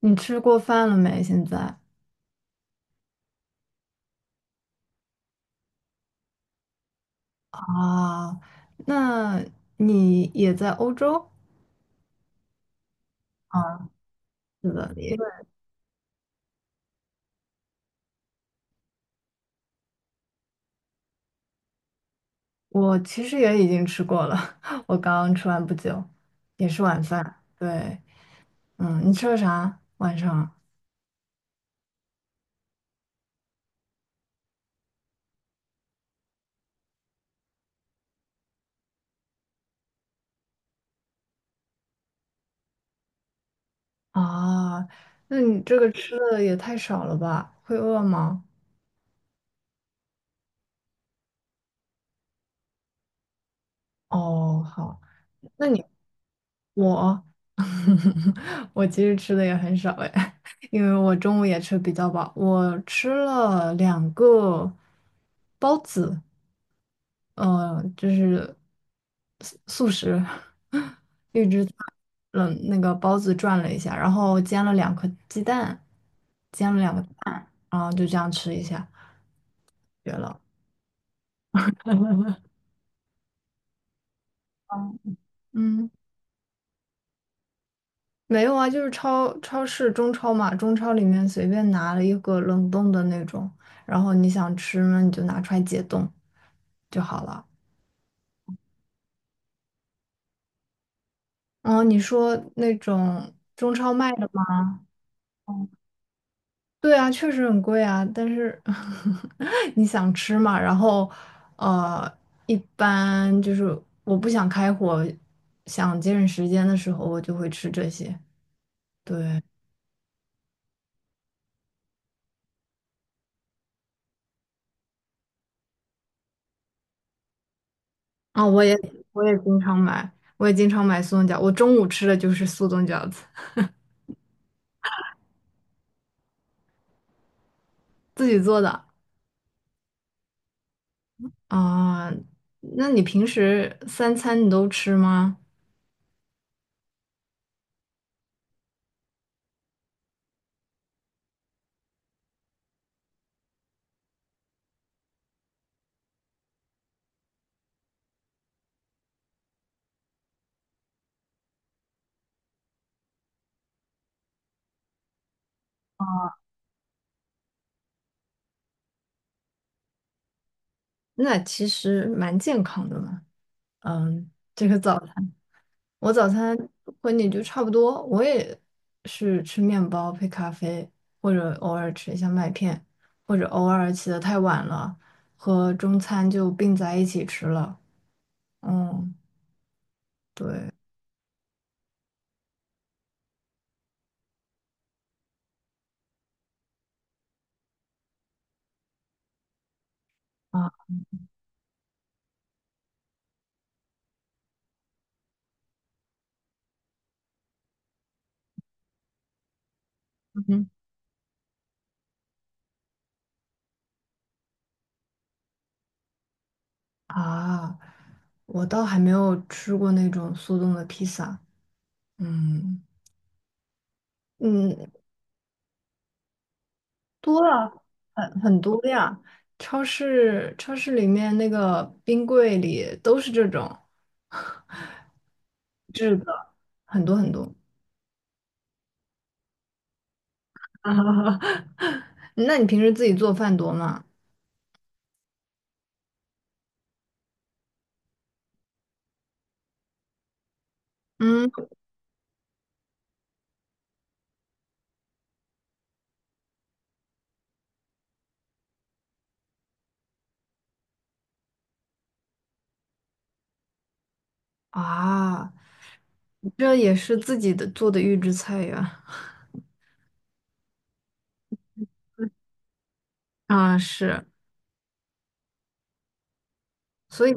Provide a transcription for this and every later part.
你吃过饭了没？现在啊，那你也在欧洲？是的，因为我其实也已经吃过了，我刚刚吃完不久，也是晚饭。对，嗯，你吃了啥？晚上啊？那你这个吃的也太少了吧？会饿吗？哦，好，那你我 我其实吃的也很少哎，因为我中午也吃比较饱，我吃了两个包子。就是素食 一制菜。嗯，那个包子转了一下，然后煎了两颗鸡蛋，煎了两个蛋，然后就这样吃一下，绝了。嗯。没有啊，就是超市中超嘛，中超里面随便拿了一个冷冻的那种，然后你想吃呢，你就拿出来解冻就好了。嗯，你说那种中超卖的吗？对啊，确实很贵啊，但是 你想吃嘛。然后呃，一般就是我不想开火，想节省时间的时候，我就会吃这些。对，啊，我也经常买，我也经常买速冻饺，我中午吃的就是速冻饺子。自己做的啊，那你平时三餐你都吃吗？那其实蛮健康的嘛。嗯，这个早餐，我早餐和你就差不多，我也是吃面包配咖啡，或者偶尔吃一下麦片，或者偶尔起的太晚了，和中餐就并在一起吃了。嗯，对啊，嗯啊，我倒还没有吃过那种速冻的披萨。嗯嗯，多啊，很多呀。超市里面那个冰柜里都是这种，很多很多。那你平时自己做饭多吗？嗯啊，这也是自己的做的预制菜呀。啊，是，所以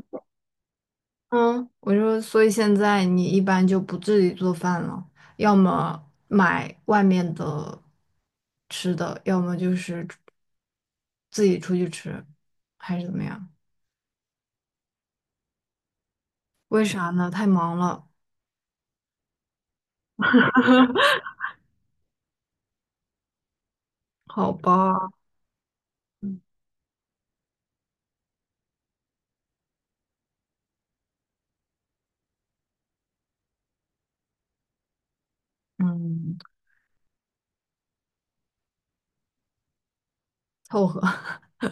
嗯，我就所以现在你一般就不自己做饭了，要么买外面的吃的，要么就是自己出去吃，还是怎么样？为啥呢？太忙了。好吧，嗯，凑合。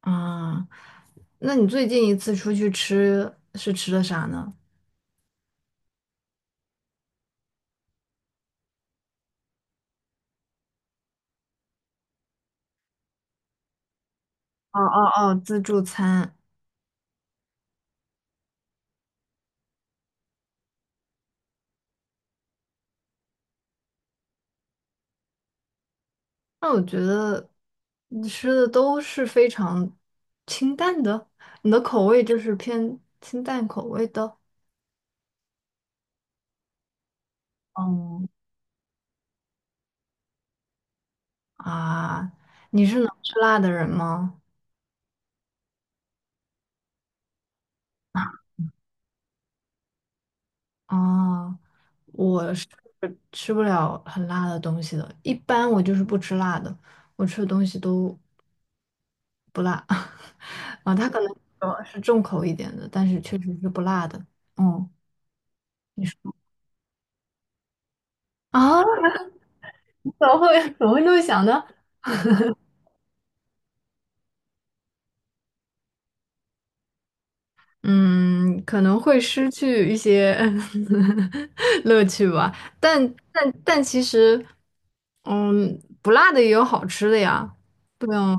啊。那你最近一次出去吃是吃的啥呢？哦哦哦，自助餐。那我觉得你吃的都是非常清淡的，你的口味就是偏清淡口味的。嗯啊，你是能吃辣的人吗？啊，我是吃不了很辣的东西的，一般我就是不吃辣的，我吃的东西都不辣。啊，他可能是重口一点的，但是确实是不辣的。嗯，你说 啊，怎么会这么想呢？嗯，可能会失去一些 乐趣吧。但其实，嗯，不辣的也有好吃的呀，对啊，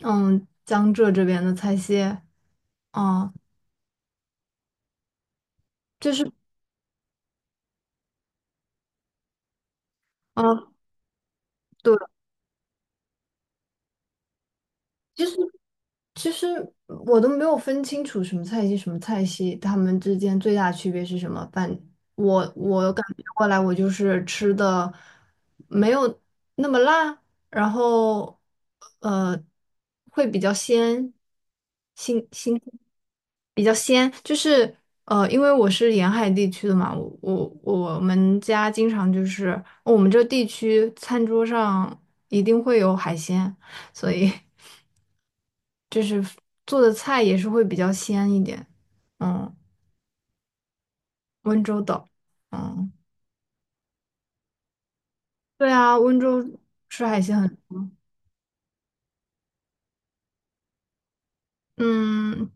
嗯，江浙这边的菜系。哦、就是，嗯、对，其实其实我都没有分清楚什么菜系什么菜系，它们之间最大的区别是什么？我感觉过来，我就是吃的没有那么辣。然后呃会比较鲜，新鲜比较鲜，就是因为我是沿海地区的嘛，我们家经常就是我们这地区餐桌上一定会有海鲜，所以 就是做的菜也是会比较鲜一点。嗯，温州的。嗯，对啊，温州吃海鲜很，嗯，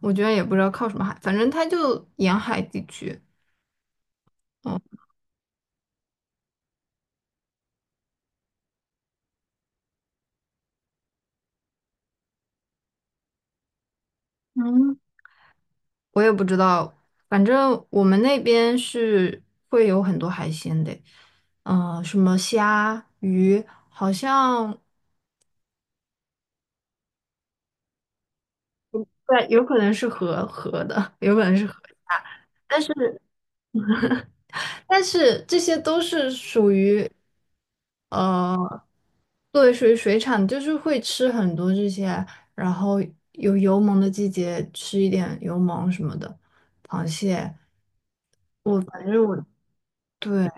我觉得也不知道靠什么海，反正它就沿海地区。嗯嗯，我也不知道，反正我们那边是会有很多海鲜的。嗯、什么虾、鱼，好像对，有可能是河的，有可能是河虾，但是。但是这些都是属于呃，对，属于水产，就是会吃很多这些，然后有油蒙的季节吃一点油蒙什么的，螃蟹，我反正我对，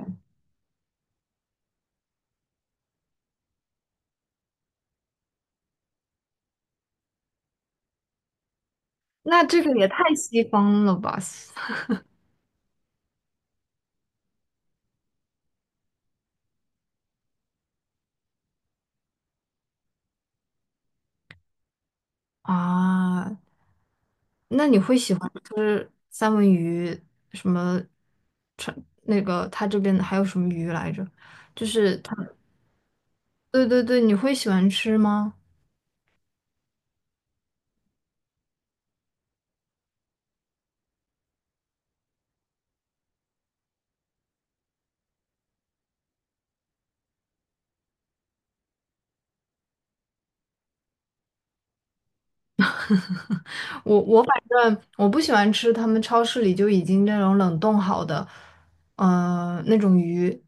那这个也太西方了吧 啊？那你会喜欢吃三文鱼什么？川那个他这边还有什么鱼来着？就是他，对对对，你会喜欢吃吗？反正我不喜欢吃他们超市里就已经那种冷冻好的。那种鱼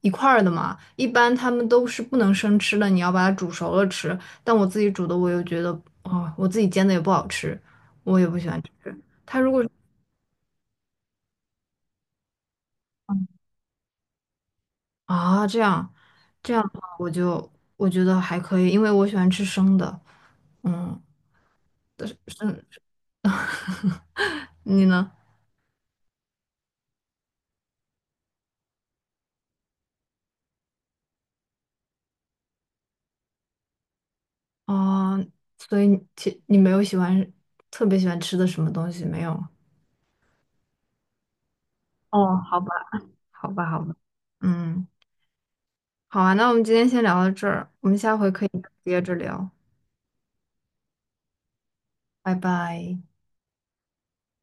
一块儿的嘛。一般他们都是不能生吃的，你要把它煮熟了吃。但我自己煮的，我又觉得，哦，我自己煎的也不好吃，我也不喜欢吃啊。这样，这样的话，我觉得还可以，因为我喜欢吃生的。嗯，但是生，你呢？哦，所以你没有喜欢特别喜欢吃的什么东西没有？哦，好吧，好吧，好吧，嗯，好啊，那我们今天先聊到这儿，我们下回可以接着聊，拜拜。